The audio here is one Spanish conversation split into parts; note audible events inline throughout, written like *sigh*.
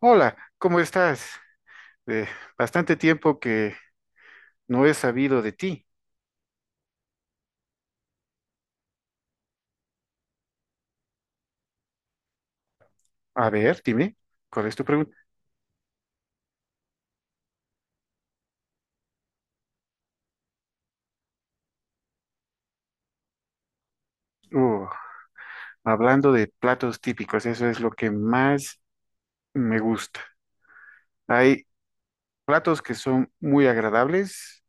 Hola, ¿cómo estás? Eh, Bastante tiempo que no he sabido de ti. A ver, dime, ¿cuál es tu pregunta? Uh, Hablando de platos típicos, eso es lo que más me gusta. Hay platos que son muy agradables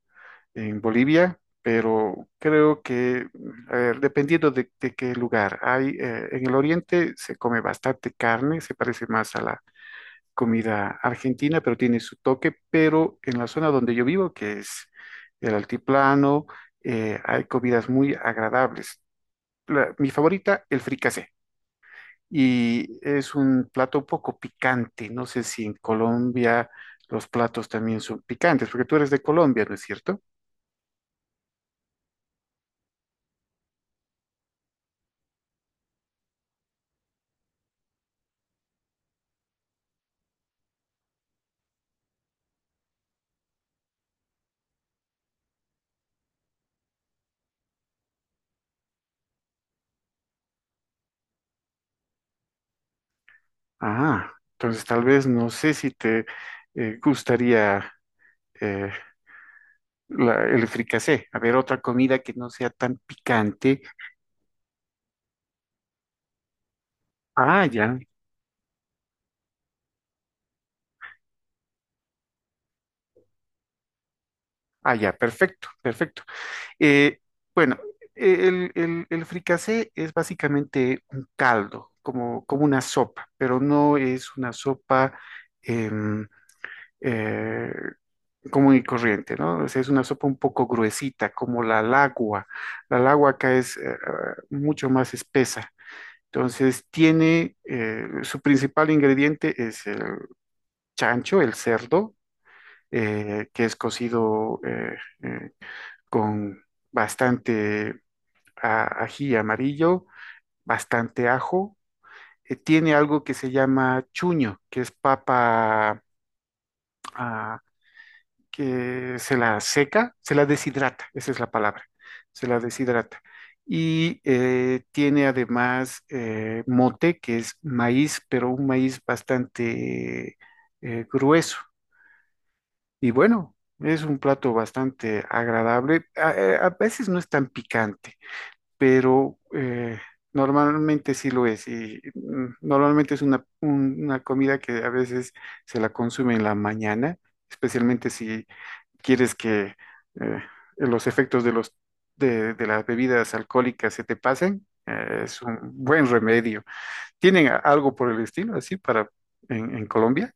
en Bolivia, pero creo que, a ver, dependiendo de qué lugar, hay, en el oriente se come bastante carne, se parece más a la comida argentina, pero tiene su toque, pero en la zona donde yo vivo, que es el altiplano, hay comidas muy agradables. Mi favorita, el fricasé, y es un plato un poco picante. No sé si en Colombia los platos también son picantes, porque tú eres de Colombia, ¿no es cierto? Ah, entonces tal vez no sé si te gustaría eh, el fricasé. A ver, otra comida que no sea tan picante. Ah, ya. Ah, ya, perfecto, perfecto. Eh, bueno, el fricasé es básicamente un caldo, como, como una sopa, pero no es una sopa em, eh, común y corriente, ¿no? O sea, es una sopa un poco gruesita, como la lagua. La lagua acá es mucho más espesa. Entonces, tiene su principal ingrediente es el chancho, el cerdo, que es cocido. Eh, con bastante ají amarillo, bastante ajo. Tiene algo que se llama chuño, que es papa, ah, que se la seca, se la deshidrata, esa es la palabra, se la deshidrata. Y tiene además mote, que es maíz, pero un maíz bastante grueso. Y bueno, es un plato bastante agradable. A veces no es tan picante, pero normalmente sí lo es. Y normalmente es una, una comida que a veces se la consume en la mañana, especialmente si quieres que eh, los efectos de los, de las bebidas alcohólicas se te pasen. Es un buen remedio. ¿Tienen algo por el estilo así para en Colombia?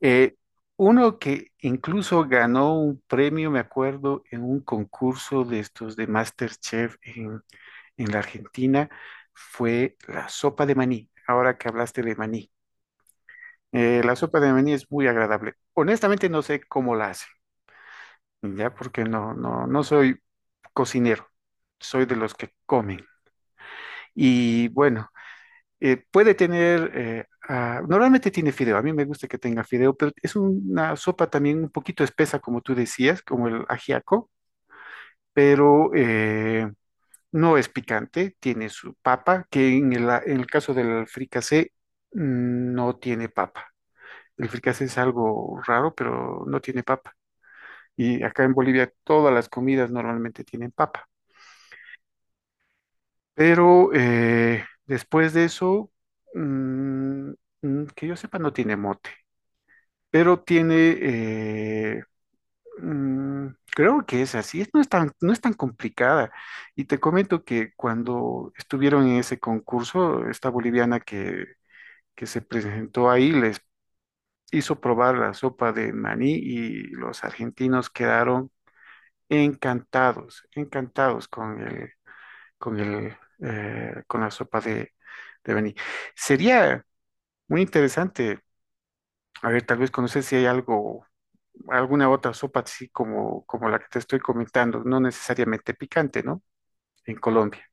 Eh, Uno que incluso ganó un premio, me acuerdo, en un concurso de estos de MasterChef en la Argentina fue la sopa de maní, ahora que hablaste de maní. La sopa de maní es muy agradable. Honestamente no sé cómo la hacen, ya porque no soy cocinero, soy de los que comen. Y bueno, puede tener, normalmente tiene fideo, a mí me gusta que tenga fideo, pero es una sopa también un poquito espesa, como tú decías, como el ajiaco, pero... no es picante, tiene su papa, que en el caso del fricasé no tiene papa. El fricasé es algo raro, pero no tiene papa. Y acá en Bolivia todas las comidas normalmente tienen papa. Pero después de eso, mm, que yo sepa, no tiene mote, pero tiene eh, Mm, creo que es así, no es tan, no es tan complicada. Y te comento que cuando estuvieron en ese concurso, esta boliviana que se presentó ahí les hizo probar la sopa de maní y los argentinos quedaron encantados, encantados con el, con el, con la sopa de maní. Sería muy interesante, a ver, tal vez conocer si hay algo, alguna otra sopa así como, como la que te estoy comentando, no necesariamente picante, ¿no? En Colombia.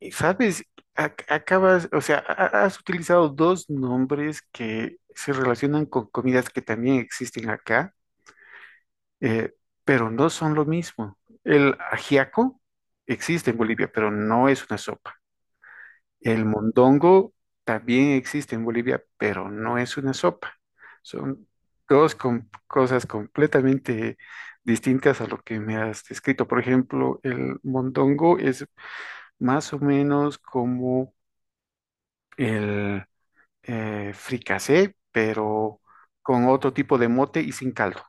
Y ¿sabes? Acabas, o sea, has utilizado dos nombres que se relacionan con comidas que también existen acá, eh, pero no son lo mismo. El ajiaco existe en Bolivia, pero no es una sopa. El mondongo también existe en Bolivia, pero no es una sopa. Son cosas completamente distintas a lo que me has descrito. Por ejemplo, el mondongo es más o menos como el fricasé, pero con otro tipo de mote y sin caldo.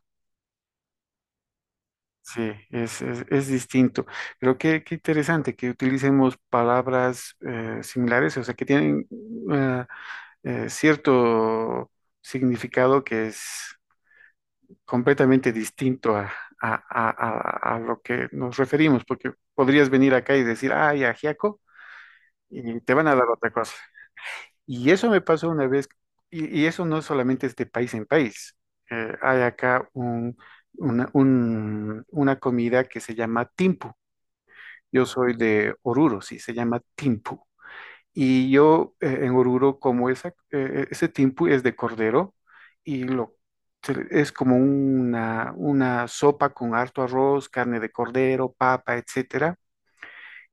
Sí, es distinto. Creo que qué interesante que utilicemos palabras similares, o sea, que tienen eh, cierto significado que es completamente distinto a, a- a- a lo que nos referimos, porque podrías venir acá y decir, ay, ajiaco, y te van a dar otra cosa. Y eso me pasó una vez, y eso no solamente es de país en país. Hay acá una comida que se llama timpu. Yo soy de Oruro, sí, se llama timpu. Y yo en Oruro como esa, ese tiempo es de cordero y lo, es como una sopa con harto arroz, carne de cordero, papa, etcétera.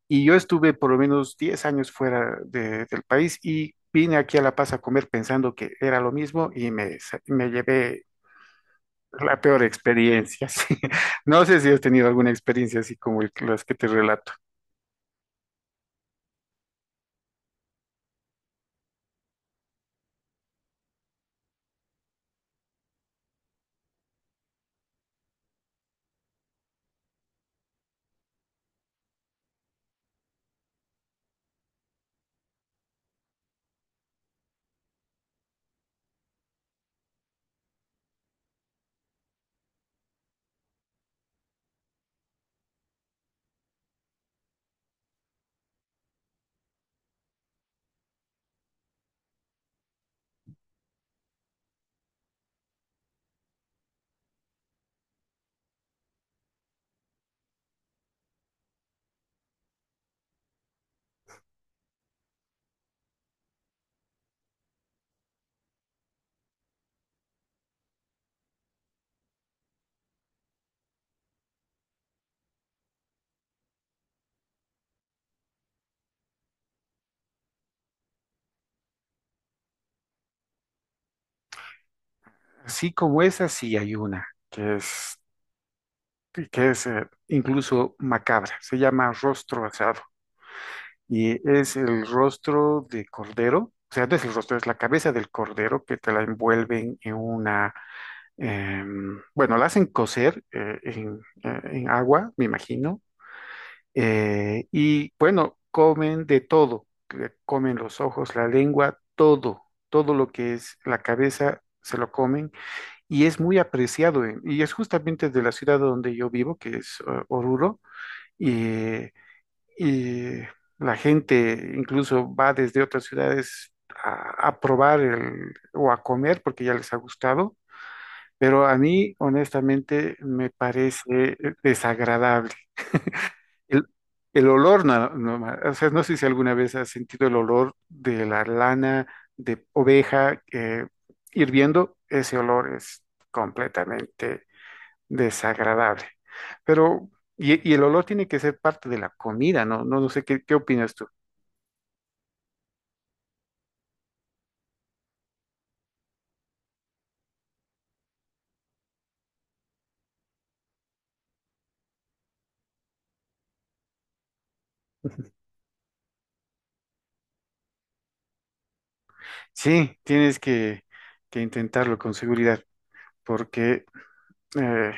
Y yo estuve por lo menos 10 años fuera del país y vine aquí a La Paz a comer pensando que era lo mismo y me, me llevé la peor experiencia. *laughs* Sí. No sé si has tenido alguna experiencia así como las que te relato. Así como esa, sí hay una, que es y que es incluso macabra. Se llama rostro asado y es el rostro de cordero, o sea, no es el rostro, es la cabeza del cordero que te la envuelven en una, bueno, la hacen cocer en agua, me imagino, y bueno, comen de todo, que comen los ojos, la lengua, todo, todo lo que es la cabeza. Se lo comen y es muy apreciado y es justamente de la ciudad donde yo vivo, que es Oruro, y, y la gente incluso va desde otras ciudades a probar el, o a comer porque ya les ha gustado, pero a mí honestamente me parece desagradable. El, el olor, no, no, o sea, no sé si alguna vez has sentido el olor de la lana de oveja hirviendo, ese olor es completamente desagradable. Pero, y el olor tiene que ser parte de la comida, ¿no? No, no sé qué, qué opinas tú. Sí, tienes que intentarlo con seguridad, porque, eh,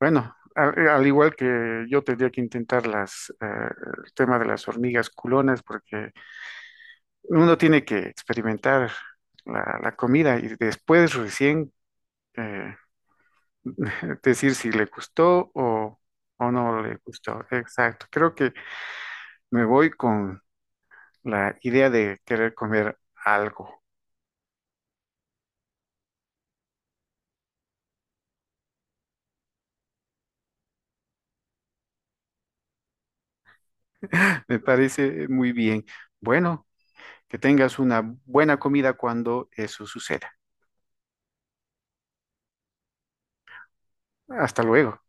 bueno, al igual que yo tendría que intentar las, el tema de las hormigas culonas, porque uno tiene que experimentar la, la comida y después recién eh, *laughs* decir si le gustó o no le gustó. Exacto. Creo que me voy con la idea de querer comer algo. *laughs* Me parece muy bien. Bueno, que tengas una buena comida cuando eso suceda. Hasta luego.